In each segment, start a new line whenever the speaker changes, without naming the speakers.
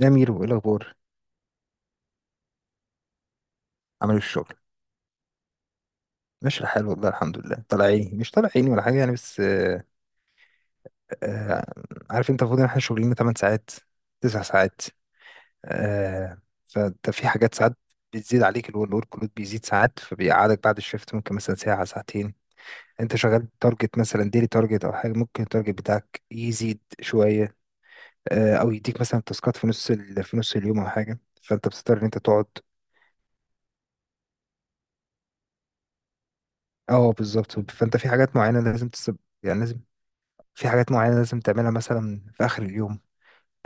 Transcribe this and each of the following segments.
يا ميرو ايه الاخبار؟ عامل إيه الشغل؟ ماشي الحال والله الحمد لله. طلع عيني، مش طلع عيني ولا حاجه يعني، بس آه. آه، عارف انت المفروض ان احنا شغلنا 8 ساعات، 9 ساعات. آه. فانت في حاجات ساعات بتزيد عليك، اللي هو الورك لود بيزيد ساعات، فبيقعدك بعد الشفت ممكن مثلا ساعه ساعتين. انت شغال تارجت مثلا ديلي تارجت او حاجه، ممكن التارجت بتاعك يزيد شويه. آه، او يديك مثلا تاسكات في نص اليوم او حاجه، فانت بتضطر ان انت تقعد. اه بالظبط، فانت في حاجات معينه لازم تسب، يعني لازم، في حاجات معينة لازم تعملها مثلا في آخر اليوم.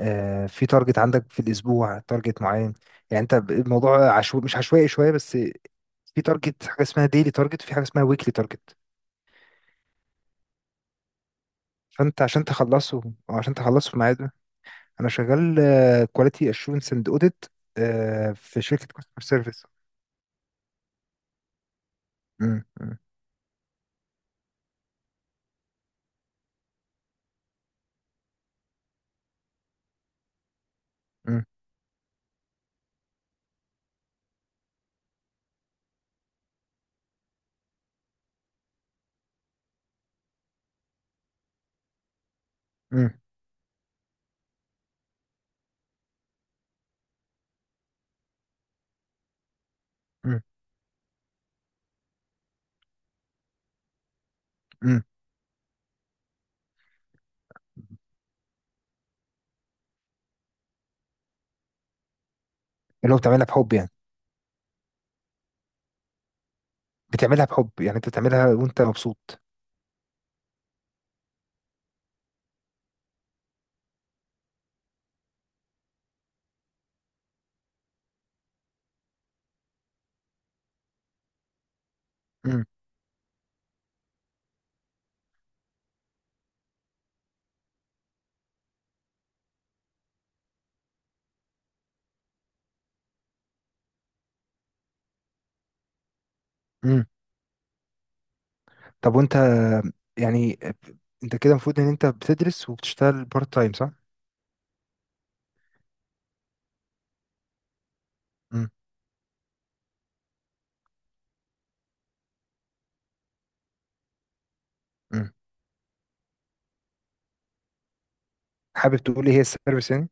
آه، في تارجت عندك في الأسبوع تارجت معين. يعني الموضوع مش عشوائي شوية بس. في تارجت، حاجة اسمها ديلي تارجت، وفي حاجة اسمها ويكلي تارجت. فأنت عشان تخلصه، أو عشان تخلصه في ميعاده. أنا شغال كواليتي أشورنس أند أوديت في شركة كاستمر سيرفيس. مم، مم، مم، مم، مم، مم. اللي هو بتعملها بحب يعني. بتعملها بحب يعني، أنت بتعملها وأنت مبسوط. مم. طب وانت، يعني، انت كده المفروض ان انت بتدرس وبتشتغل بارت تايم صح؟ امم. امم. حابب تقول ايه هي السيرفيس يعني؟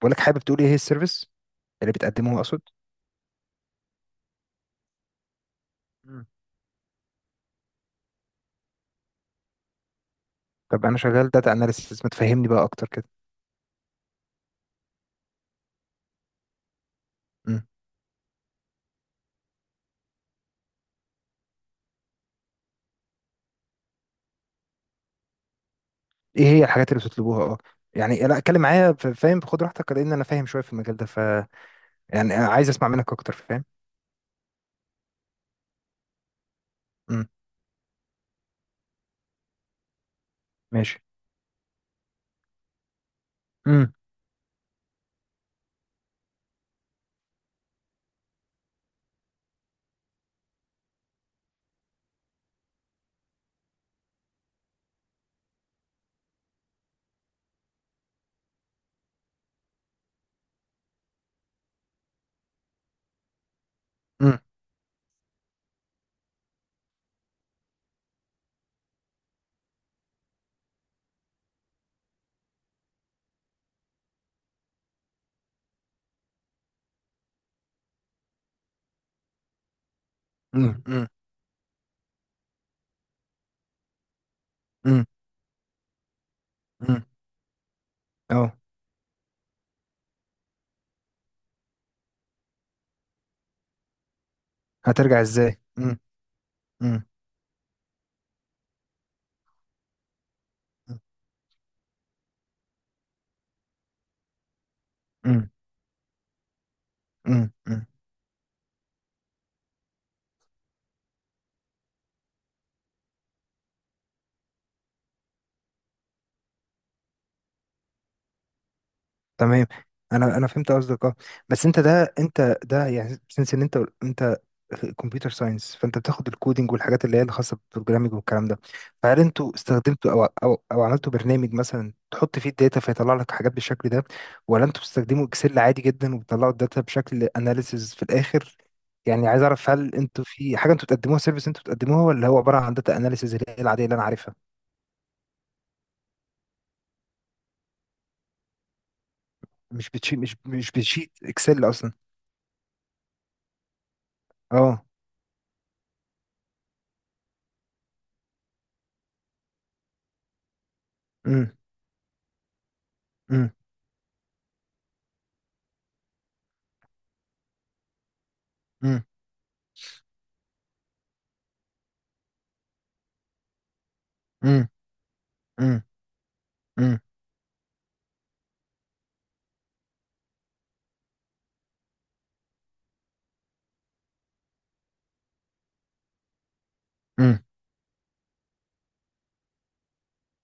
بقول لك، حابب تقول ايه هي السيرفيس اللي بتقدمه اقصد؟ مم. طب انا شغال داتا اناليسيس، ما تفهمني بقى اكتر كده. مم. ايه هي الحاجات اللي بتطلبوها؟ اه، يعني لا اتكلم معايا، فاهم، خد راحتك، لان انا فاهم شويه في المجال ده. ف يعني عايز اسمع منك اكتر، فاهم؟ امم. ماشي. امم. امم. امم. امم. امم. امم. اه. هترجع ازاي؟ امم. امم. امم. امم. تمام. انا انا فهمت قصدك اه. بس انت ده يعني سنس ان انت كمبيوتر ساينس، فانت بتاخد الكودينج والحاجات اللي هي الخاصه بالبروجرامينج والكلام ده. فهل انتوا استخدمتوا او عملتوا برنامج مثلا تحط فيه الداتا فيطلع لك حاجات بالشكل ده، ولا انتوا بتستخدموا اكسل عادي جدا وبتطلعوا الداتا بشكل اناليسز في الاخر؟ يعني عايز اعرف هل انتوا في حاجه انتوا بتقدموها سيرفيس انتوا بتقدموها، ولا هو عباره عن داتا اناليسز اللي هي العاديه اللي انا عارفها؟ مش بتشيت، مش بتشيت اكسل اصلا؟ اه. امم. امم، امم. امم. امم. امم. امم.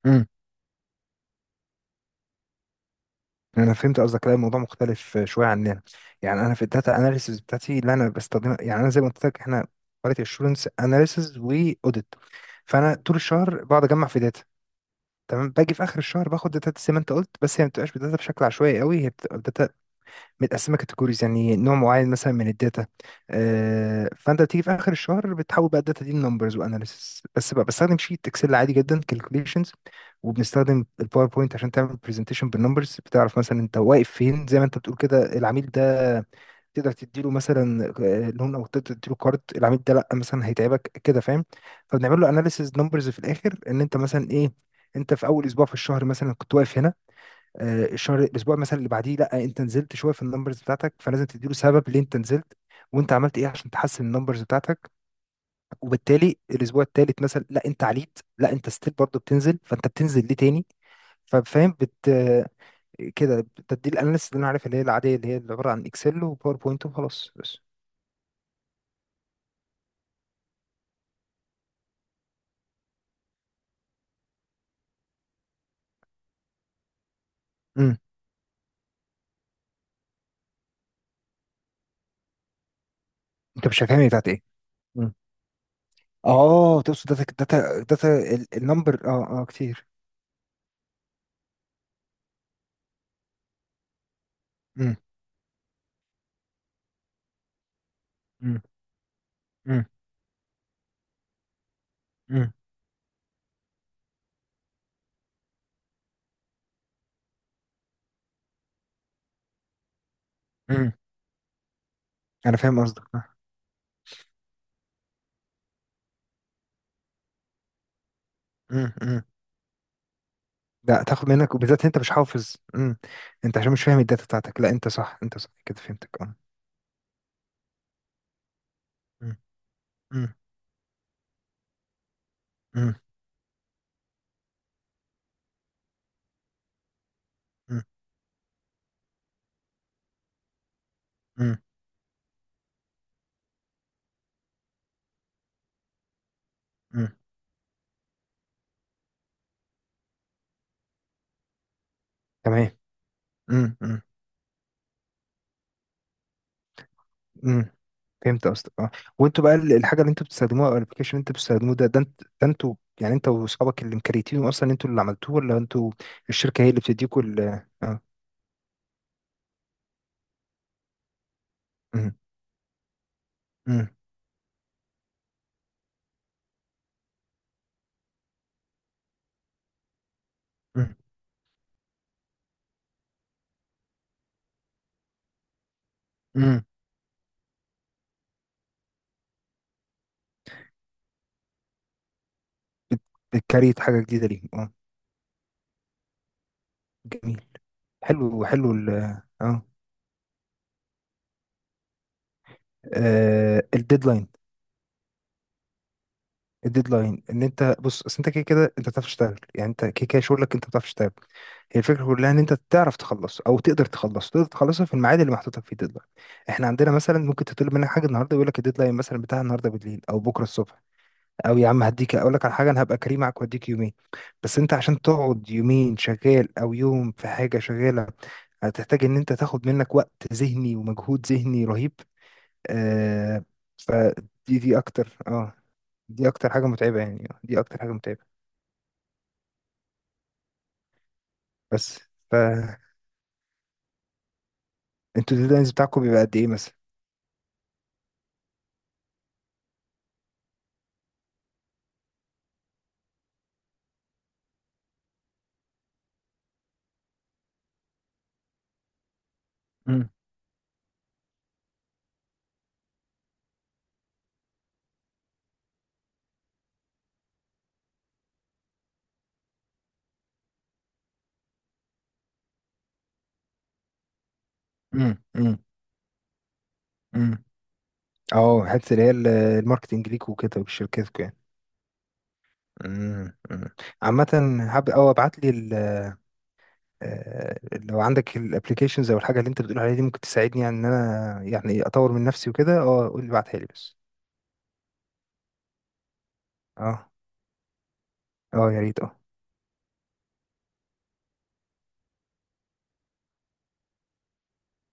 امم. انا فهمت قصدك. لا الموضوع مختلف شويه عننا. يعني انا في الداتا اناليسيس بتاعتي اللي انا بستخدمها، يعني انا زي ما قلت لك، احنا كواليتي اشورنس اناليسيس واوديت. فانا طول الشهر بقعد اجمع في داتا. تمام، باجي في اخر الشهر باخد داتا زي ما انت قلت، بس هي ما بتبقاش داتا بشكل عشوائي قوي، هي بتبقى متقسمه كاتيجوريز يعني نوع معين مثلا من الداتا. آه، فانت بتيجي في اخر الشهر بتحول بقى الداتا دي لنمبرز واناليسيس، بس بقى بستخدم شيت اكسل عادي جدا، كالكوليشنز. وبنستخدم الباوربوينت عشان تعمل برزنتيشن بالنمبرز، بتعرف مثلا انت واقف فين، زي ما انت بتقول كده، العميل ده تقدر تديله مثلا آه، لون، او تقدر تديله كارد، العميل ده لا مثلا هيتعبك كده، فاهم. فبنعمل له اناليسيس نمبرز في الاخر، ان انت مثلا ايه، انت في اول اسبوع في الشهر مثلا كنت واقف هنا. آه، الشهر الاسبوع مثلا اللي بعديه لا انت نزلت شويه في النمبرز بتاعتك، فلازم تديله سبب ليه انت نزلت وانت عملت ايه عشان تحسن النمبرز بتاعتك. وبالتالي الاسبوع الثالث مثلا لا انت عليت، لا انت ستيل برضه بتنزل، فانت بتنزل ليه تاني؟ ففاهم، كده بتدي الاناليسيس اللي انا عارف اللي هي العاديه اللي هي اللي عباره عن اكسل وباوربوينت وخلاص بس. امم. انت مش فاهمني بتاعت ايه. مم. اه تقصد داتا، داتا. النمبر اه اه كتير. امم. امم. امم. امم. انا فاهم قصدك. امم. لا تاخد منك، وبالذات انت مش حافظ. امم. انت عشان مش فاهم الداتا بتاعتك، لا انت صح، انت صح كده، فهمتك اه. مم. مم. مم. مم. مم. مم. تمام. مم. مم. مم. فهمت قصدك اه. وانتوا بقى الحاجه اللي انتوا بتستخدموها او الابلكيشن اللي انتوا بتستخدموه ده، انتوا يعني انت واصحابك اللي مكريتينه اصلا، انتوا اللي عملتوه، ولا انتوا الشركه هي اللي بتديكوا ال اه. مم. مم. مم. مم. بت- بتكريت حاجه جديده ليهم اه. جميل. حلو حلو ال اه. الديدلاين. الديدلاين ان انت بص، اصل انت كده كده انت بتعرف تشتغل، يعني انت كده كده شغلك، انت بتعرف تشتغل. هي الفكره كلها ان انت تعرف تخلص او تقدر تخلص، تقدر تخلصها في الميعاد اللي محطوط لك فيه، الديدلاين. احنا عندنا مثلا ممكن تطلب منك حاجه النهارده، يقول لك الديدلاين مثلا بتاع النهارده بالليل او بكره الصبح. او يا عم هديك، اقول لك على حاجه انا هبقى كريم معاك واديك يومين، بس انت عشان تقعد يومين شغال او يوم في حاجه شغاله، هتحتاج ان انت تاخد منك وقت ذهني ومجهود ذهني رهيب. آه، فدي، دي اكتر اه، دي اكتر حاجه متعبه، يعني دي اكتر حاجه متعبه. بس ف انتوا الديدلاينز بتاعكم بيبقى قد ايه مثلا؟ امم. امم. امم. امم. اه، حته اللي هي الماركتنج ليك وكده ولشركتكم يعني. امم. أمم. عامه، حابب او ابعت لي آه، لو عندك الابلكيشنز او الحاجه اللي انت بتقول عليها دي ممكن تساعدني، يعني ان انا يعني اطور من نفسي وكده اه، قول لي، ابعتها لي بس. اه اه، يا ريت اه.